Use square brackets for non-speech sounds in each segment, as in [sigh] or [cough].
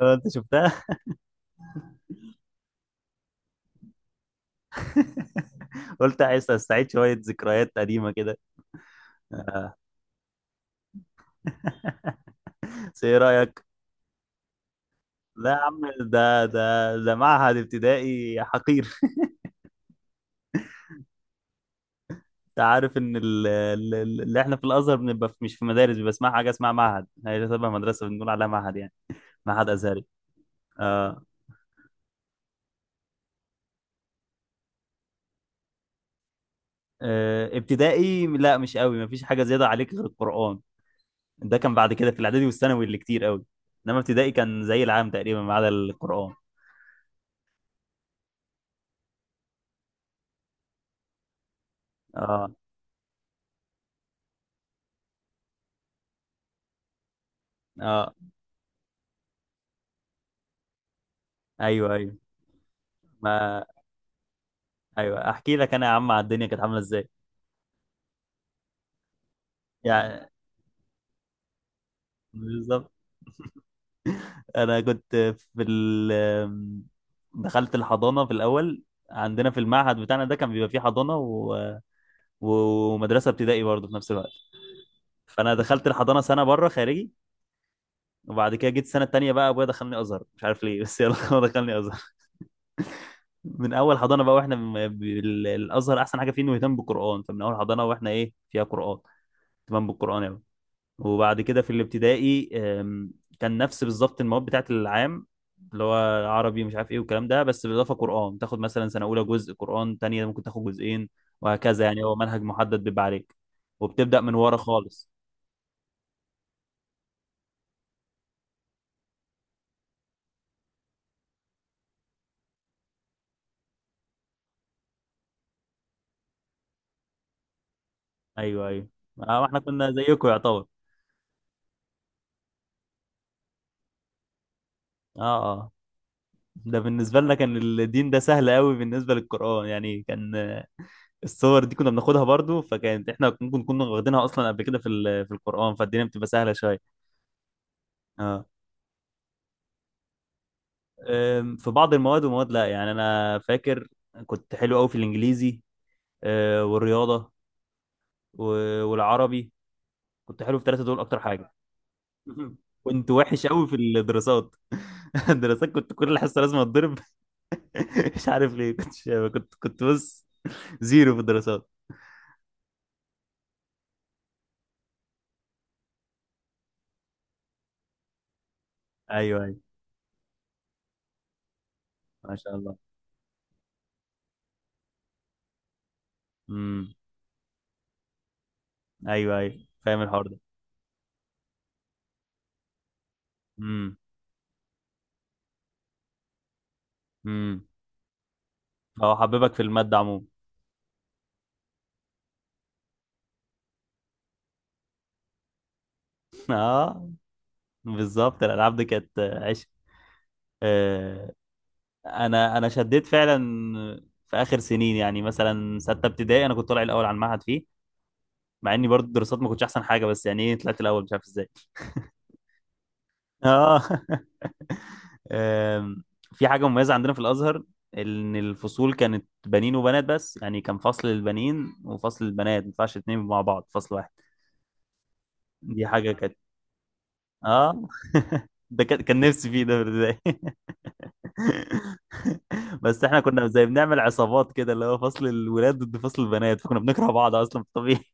اه، انت شفتها. [laughs] قلت عايز استعيد شويه ذكريات قديمه كده. بس ايه رايك؟ لا يا عم، ده معهد ابتدائي حقير. [laughs] انت عارف ان اللي احنا في الازهر بنبقى مش في مدارس، بيبقى اسمها حاجه اسمها معهد، هي تبع مدرسه بنقول عليها معهد يعني. معهد ازهري. آه. آه. ابتدائي لا مش قوي، مفيش حاجه زياده عليك غير القران. ده كان بعد كده في الاعدادي والثانوي اللي كتير قوي، انما ابتدائي كان زي العام تقريبا ما عدا القران. اه اه. ايوه ايوه. ما ايوه، احكي لك انا يا عم على الدنيا كانت عامله ازاي يعني. بالظبط. انا كنت في ال دخلت الحضانه في الاول. عندنا في المعهد بتاعنا ده كان بيبقى فيه حضانه ومدرسه ابتدائي برضه في نفس الوقت. فانا دخلت الحضانه سنه بره خارجي، وبعد كده جيت السنه التانيه بقى ابويا دخلني ازهر مش عارف ليه بس يلا [laughs] هو دخلني ازهر من اول حضانه بقى، واحنا الازهر احسن حاجه فيه انه يهتم بالقران، فمن اول حضانه واحنا ايه فيها قران، اهتمام بالقران يعني. وبعد كده في الابتدائي، كان نفس بالظبط المواد بتاعت العام اللي هو عربي مش عارف ايه والكلام ده، بس بالاضافه قران، تاخد مثلا سنه اولى جزء قران، تانية ممكن تاخد جزئين، وهكذا يعني هو منهج محدد بيبقى عليك، وبتبدا من ورا خالص. ايوه ايوه. آه، احنا كنا زيكم يعتبر. اه اه. ده بالنسبه لنا كان الدين ده سهل قوي بالنسبه للقران يعني، كان الصور دي كنا بناخدها برضو، فكانت احنا ممكن كنا واخدينها اصلا قبل كده في القران، فالدنيا بتبقى سهله شويه. اه. في بعض المواد ومواد لا يعني، انا فاكر كنت حلو قوي في الانجليزي، والرياضه والعربي، كنت حلو في الثلاثه دول اكتر حاجه. [laughs] كنت وحش قوي في الدراسات. [laughs] الدراسات كنت كل حصه لازم اتضرب. [laughs] مش عارف ليه كنت، كنت بص، زيرو في الدراسات. ايوه ايوه. ما شاء الله. امم. ايوه ايوه، فاهم الحوار ده. امم. امم. هو حببك في الماده عموما. [laughs] اه، بالظبط، الالعاب دي كانت عشق، آه، انا شديت فعلا في اخر سنين، يعني مثلا سته ابتدائي انا كنت طالع الاول على المعهد فيه، مع اني برضه الدراسات ما كنتش احسن حاجه، بس يعني ايه طلعت الاول مش عارف ازاي. اه. [laughs] آم، في حاجه مميزه عندنا في الازهر، ان الفصول كانت بنين وبنات، بس يعني كان فصل للبنين وفصل للبنات، ما ينفعش اتنين مع بعض فصل واحد. دي حاجه كانت. اه. [laughs] ده كان نفسي فيه ده في البدايه. [laughs] [laughs] بس احنا كنا زي بنعمل عصابات كده، اللي هو فصل الولاد ضد فصل البنات، فكنا بنكره بعض اصلا في الطبيعي.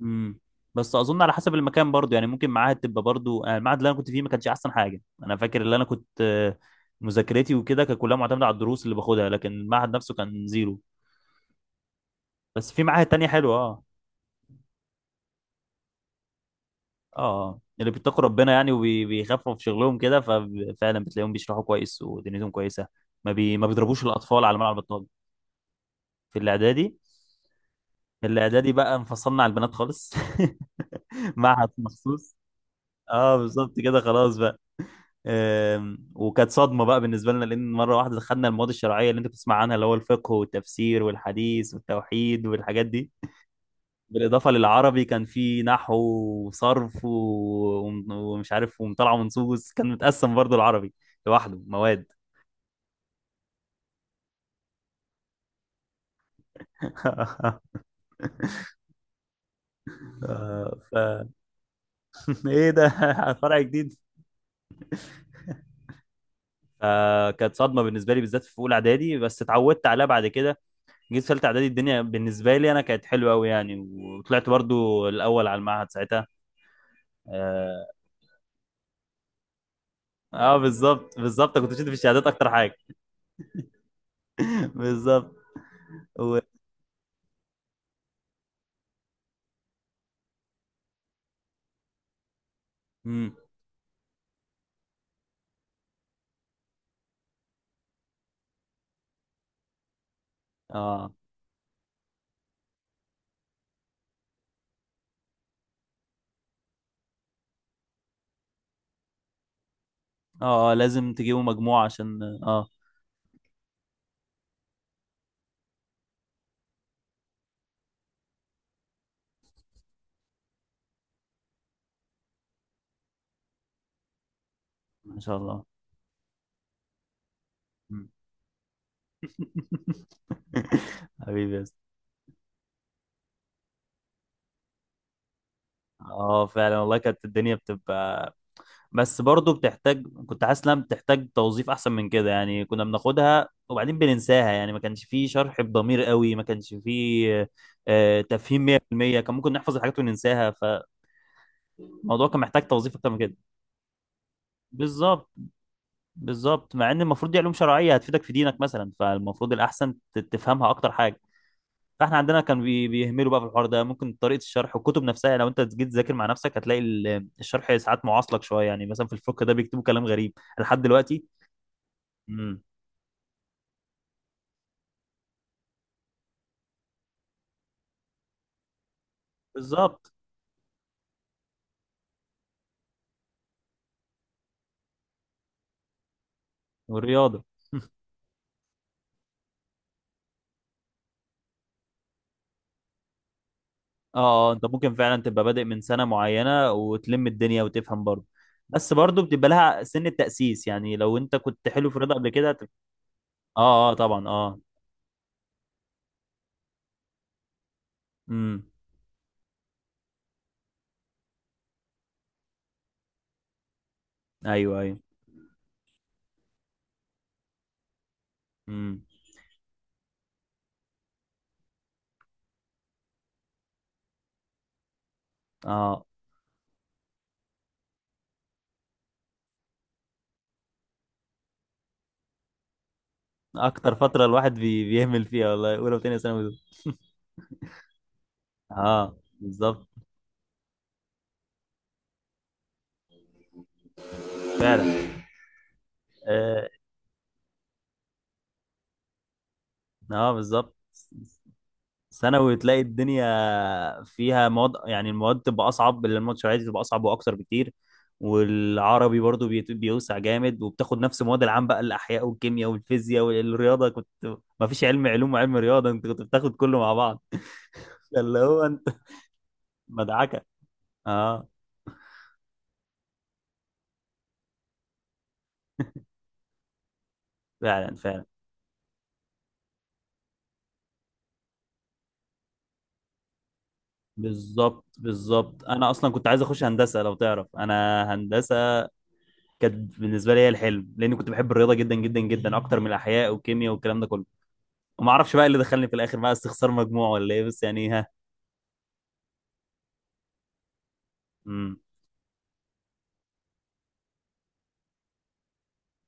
امم. [laughs] بس اظن على حسب المكان برضو يعني، ممكن معاهد تبقى برضو المعهد اللي انا كنت فيه ما كانش احسن حاجه، انا فاكر اللي انا كنت مذاكرتي وكده كانت كلها معتمده على الدروس اللي باخدها، لكن المعهد نفسه كان زيرو. بس في معاهد تانية حلوه. اه. اه. آه. اللي بيتقوا ربنا يعني، وبيخفوا في شغلهم كده، ففعلا بتلاقيهم بيشرحوا كويس ودنيتهم كويسه، ما بيضربوش الاطفال على ملعب الطاوله. في الاعدادي، الاعدادي بقى انفصلنا على البنات خالص. [laughs] معهد مخصوص. اه، بالظبط كده، خلاص بقى. وكانت صدمه بقى بالنسبه لنا، لان مره واحده دخلنا المواد الشرعيه اللي انت بتسمع عنها، اللي هو الفقه والتفسير والحديث والتوحيد والحاجات دي، بالاضافه للعربي كان في نحو وصرف ومش عارف ومطالعه منصوص، كان متقسم برضو العربي لوحده مواد. [laughs] آه، ف ايه ده؟ [laughs] فرع جديد. فكانت صدمه بالنسبه لي بالذات في اولى اعدادي، بس اتعودت عليها بعد كده. جيت في ثالثه اعدادي الدنيا بالنسبه لي انا كانت حلوه قوي يعني، وطلعت برضو الاول على المعهد ساعتها. اه. آه، بالظبط بالظبط، كنت شد في الشهادات اكتر حاجه. [laughs] بالظبط. و... مم. اه اه. آه، لازم تجيبوا مجموع عشان ما شاء الله. مم. [laughs] حبيبي يا أسطى. اه، فعلا والله كانت الدنيا بتبقى، بس برضه بتحتاج، كنت حاسس انها بتحتاج توظيف احسن من كده يعني، كنا بناخدها وبعدين بننساها يعني، ما كانش فيه شرح بضمير قوي، ما كانش فيه تفهيم 100%، كان ممكن نحفظ الحاجات وننساها، فالموضوع كان محتاج توظيف اكتر من كده. بالظبط بالظبط، مع ان المفروض دي علوم شرعيه هتفيدك في دينك مثلا، فالمفروض الاحسن تفهمها اكتر حاجه. فاحنا عندنا كان بيهملوا بقى في الحوار ده، ممكن طريقه الشرح والكتب نفسها، لو انت جيت تذاكر مع نفسك هتلاقي الشرح ساعات معاصلك شويه يعني، مثلا في الفقه ده بيكتبوا كلام غريب لحد دلوقتي. بالظبط. والرياضه. اه اه، انت ممكن فعلا تبقى بادئ من سنه معينه وتلم الدنيا وتفهم برضه، بس برضه بتبقى لها سن التاسيس يعني، لو انت كنت حلو في الرياضه قبل كده اه اه، طبعا اه. امم. ايوه ايوه. امم. اه. اكتر فتره الواحد بيهمل فيها والله، اولى وثانيه ثانوي دول. اه بالظبط. فعلا. اه. آه بالظبط. ثانوي تلاقي الدنيا فيها مواد يعني، المواد تبقى اصعب، الماتشات تبقى اصعب واكتر بكتير، والعربي برضو بيوسع جامد، وبتاخد نفس مواد العام بقى الاحياء والكيمياء والفيزياء والرياضه، كنت ما فيش علم علوم وعلم رياضه، انت كنت بتاخد كله مع بعض. فاللي هو انت. [laughs] مدعكه. اه فعلا فعلا. بالظبط بالظبط، انا اصلا كنت عايز اخش هندسه، لو تعرف انا هندسه كانت بالنسبه لي هي الحلم، لاني كنت بحب الرياضه جدا جدا جدا اكتر من الاحياء والكيمياء والكلام ده كله، وما اعرفش بقى اللي دخلني في الاخر بقى استخسار مجموع ولا ايه، بس يعني ها. امم.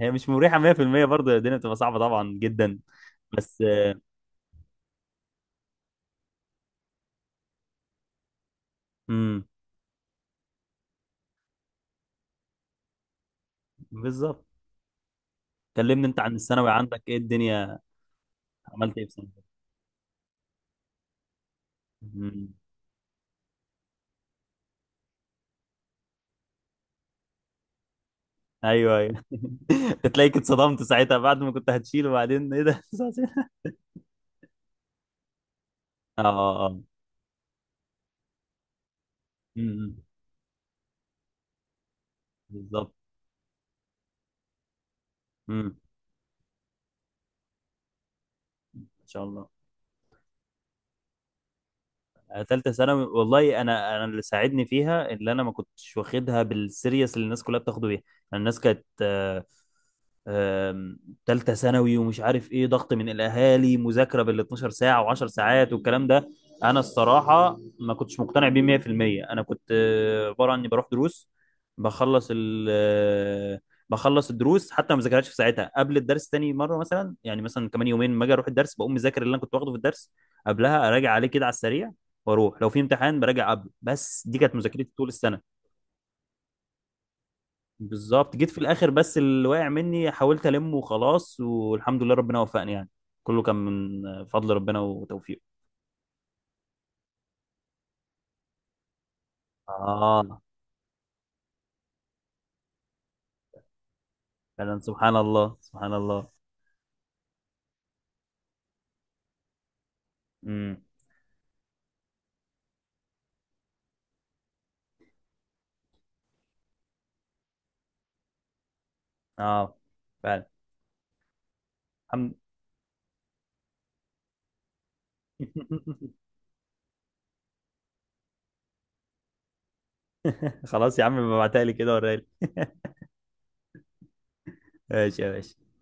هي مش مريحه 100% برضه، الدنيا بتبقى صعبه طبعا جدا. بس. امم. بالظبط. كلمني انت عن الثانوي عندك ايه الدنيا. عملت ايه في ثانوي. امم. ايوه ايوه. [laughs] تلاقيك اتصدمت ساعتها بعد ما كنت هتشيل، وبعدين ايه ده؟ [laughs] اه اه اه. امم. بالظبط. امم. ان شاء الله. آه، ثالثه ثانوي والله، انا اللي ساعدني فيها اللي انا ما كنتش واخدها بالسيريس اللي الناس كلها بتاخده بيها، يعني الناس كانت آم، تالتة ثانوي ومش عارف ايه، ضغط من الاهالي مذاكرة بال 12 ساعة و10 ساعات والكلام ده. انا الصراحة ما كنتش مقتنع بيه 100%، انا كنت عبارة عني بروح دروس، بخلص ال آه، بخلص الدروس، حتى ما بذاكرهاش في ساعتها، قبل الدرس تاني مرة مثلا يعني، مثلا كمان يومين ما اجي اروح الدرس بقوم مذاكر اللي انا كنت واخده في الدرس قبلها، اراجع عليه كده على السريع، واروح لو في امتحان براجع قبله، بس دي كانت مذاكرتي طول السنة. بالظبط، جيت في الاخر بس اللي واقع مني حاولت المه وخلاص، والحمد لله ربنا وفقني يعني، كله كان من فضل ربنا وتوفيقه. اه فعلا، سبحان الله سبحان الله. امم. اه فعلا. الحمد. [laughs] خلاص يا عم، ابعتها لي كده وريها لي. [laughs] ماشي يا باشا.